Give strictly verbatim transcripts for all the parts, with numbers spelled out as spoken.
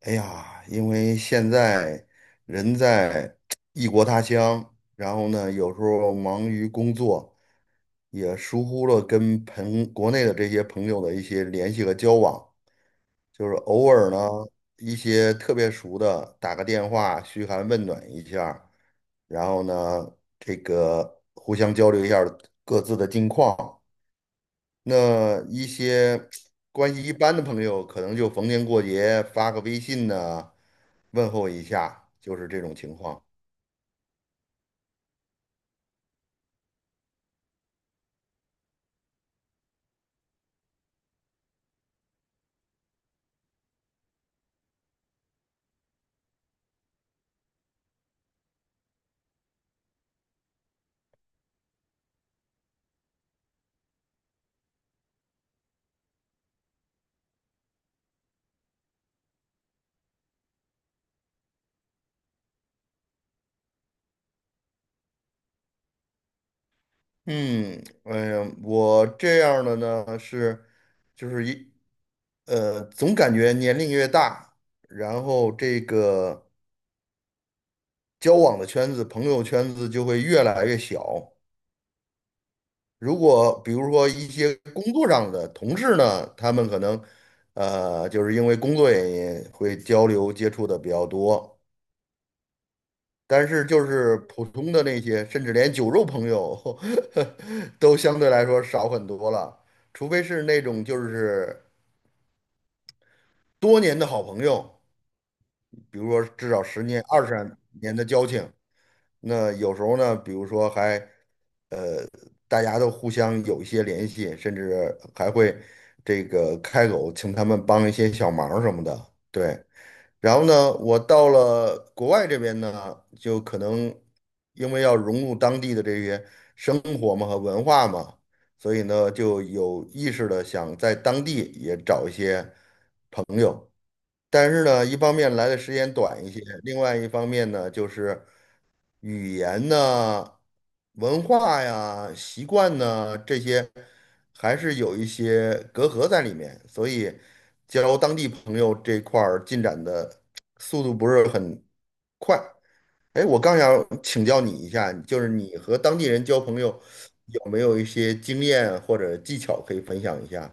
哎呀，因为现在人在异国他乡，然后呢，有时候忙于工作，也疏忽了跟朋国内的这些朋友的一些联系和交往，就是偶尔呢，一些特别熟的打个电话嘘寒问暖一下儿然后呢，这个互相交流一下儿各自的近况。那一些关系一般的朋友，可能就逢年过节发个微信呢。问候一下，就是这种情况。嗯，哎呀，我这样的呢是，就是一呃，总感觉年龄越大，然后这个交往的圈子、朋友圈子就会越来越小。如果比如说一些工作上的同事呢，他们可能呃，就是因为工作原因会交流接触的比较多。但是就是普通的那些，甚至连酒肉朋友 都相对来说少很多了，除非是那种就是多年的好朋友，比如说至少十年、二十年的交情。那有时候呢，比如说还呃，大家都互相有一些联系，甚至还会这个开口请他们帮一些小忙什么的。对，然后呢，我到了国外这边呢，就可能因为要融入当地的这些生活嘛和文化嘛，所以呢就有意识的想在当地也找一些。但是呢，一方面来的时间短一些，另外一方面呢，就是语言呢、文化呀、习惯呢这些，还是有一些隔阂在里面，所以交当地朋友这块儿进展的速度不是很快。哎，我刚想请教你一下，就是你和当地人交朋友有没有一些经验或者技巧可以分享一下？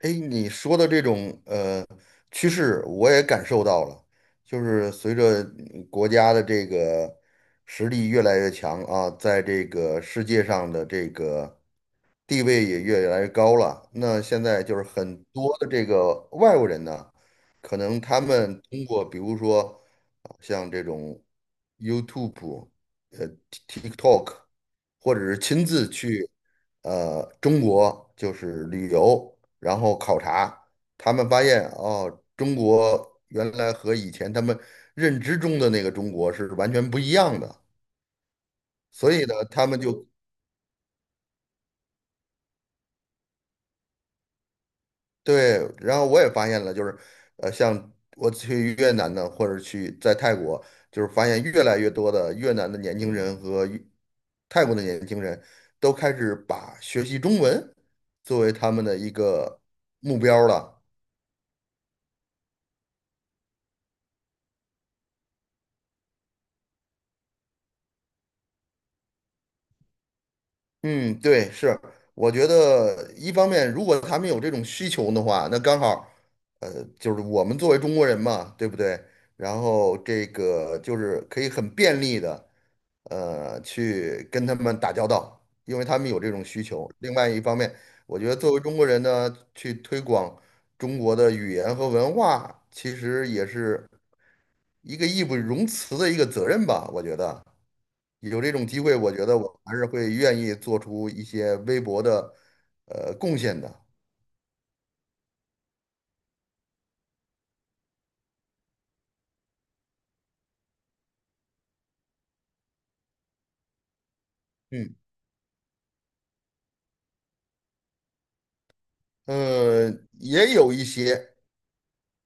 哎，你说的这种呃趋势，我也感受到了，就是随着嗯国家的这个实力越来越强啊，在这个世界上的这个。地位也越来越高了。那现在就是很多的这个外国人呢，可能他们通过比如说啊像这种 YouTube、呃 TikTok，或者是亲自去呃中国就是旅游，然后考察，他们发现哦，中国原来和以前他们认知中的那个中国是完全不一样的。所以呢，他们就对，然后我也发现了，就是，呃，像我去越南呢，或者去在泰国，就是发现越来越多的越南的年轻人和越泰国的年轻人都开始把学习中文作为他们的一个目标了。嗯，对，是，我觉得一方面，如果他们有这种需求的话，那刚好，呃，就是我们作为中国人嘛，对不对？然后这个就是可以很便利的，呃，去跟他们打交道，因为他们有这种需求。另外一方面，我觉得作为中国人呢，去推广中国的语言和文化，其实也是一个义不容辞的一个责任吧，我觉得。有这种机会，我觉得我还是会愿意做出一些微薄的呃贡献的。嗯，呃，也有一些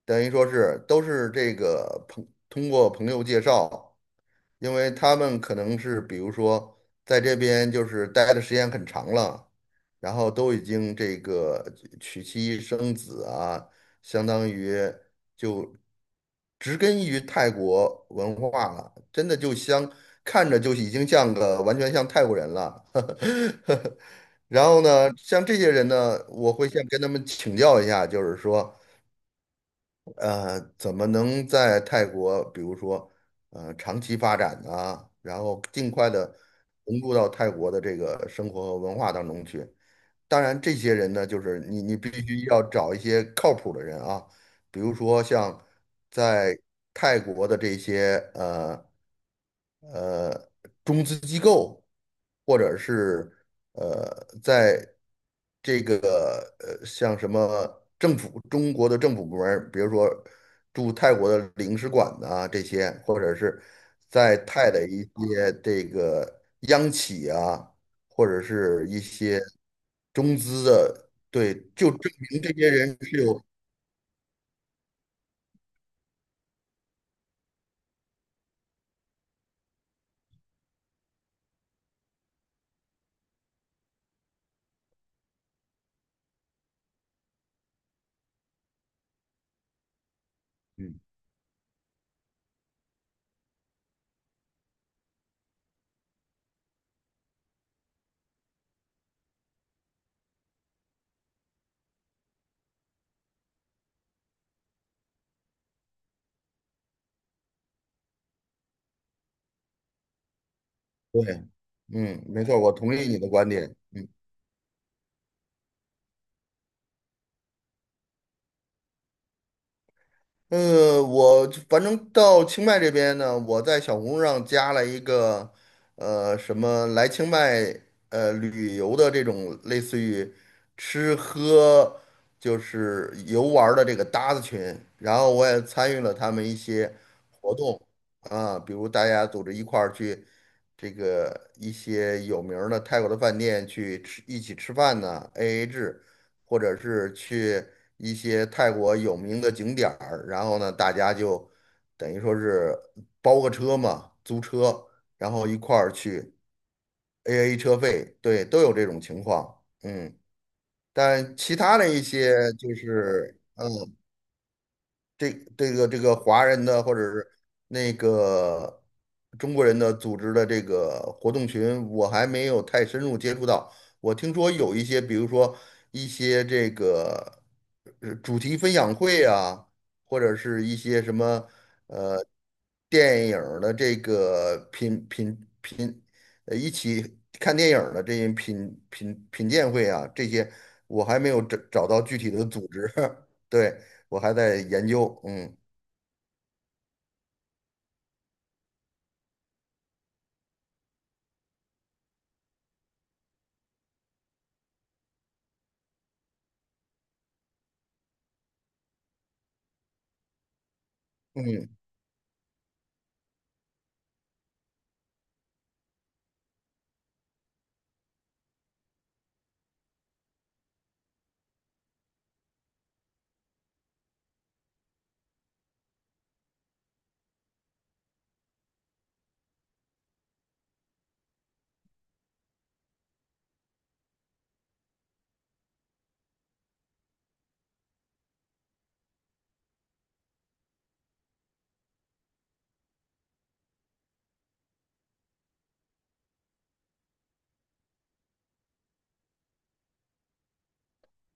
等于说是都是这个朋通过朋友介绍。因为他们可能是比如说在这边就是待的时间很长了，然后都已经这个娶妻生子啊，相当于就植根于泰国文化了，真的就像看着就已经像个完全像泰国人了。然后呢，像这些人呢，我会先跟他们请教一下，就是说。呃，怎么能在泰国，比如说，呃，长期发展呢？然后尽快的融入到泰国的这个生活和文化当中去。当然，这些人呢，就是你，你必须要找一些靠谱的人啊，比如说像在泰国的这些呃呃中资机构，或者是呃在这个呃像什么政府中国的政府部门儿比如说驻泰国的领事馆呐、这些，或者是在泰的一些这个央企啊，或者是一些中资的，对，就证明这些人是有。嗯。对，嗯，没错，我同意你的观点。呃，我反正到清迈这边呢，我在小红书上加了一个，呃，什么来清迈呃旅游的这种类似于吃喝就是游玩儿的这个搭子群，然后我也参与了他们一些活动啊，比如大家组织一块儿去这个一些有名儿的泰国的饭店去吃，一起吃饭呢，A A 制。或者是去一些泰国有名的景点儿，然后呢，大家就等于说是包个车嘛，租车，然后一块儿去 A A 车费，对，都有这种情况，嗯，但其他的一些就是。呃这这个这个华人的或者是那个中国人的组织的这个活动群，我还没有太深入接触到。我听说有一些，比如说一些这个呃主题分享会啊，或者是一些什么呃电影儿的这个品品品，呃一起看电影儿的这些品品品鉴会啊，这些我还没有找找到具体的组织。对，我还在研究，嗯嗯，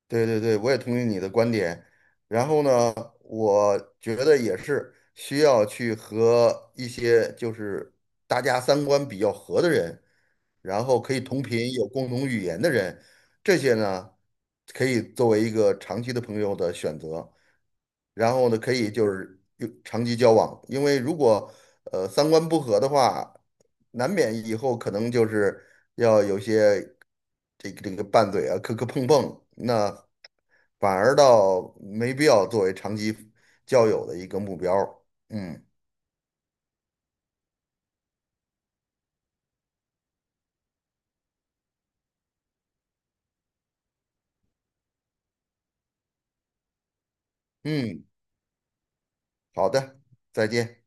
对，对对，我也同意你的观点。然后呢，我觉得也是需要去和一些就是大家三观比较合的人，然后可以同频、有共同语言的人，这些呢可以作为一个长期的朋友的选择。然后呢，可以就是有长期交往，因为如果呃三观不合的话，难免以后可能就是要有些。这个这个拌嘴啊，磕磕碰碰，那反而倒没必要作为长期交友的一个目标儿嗯嗯，好的，再见。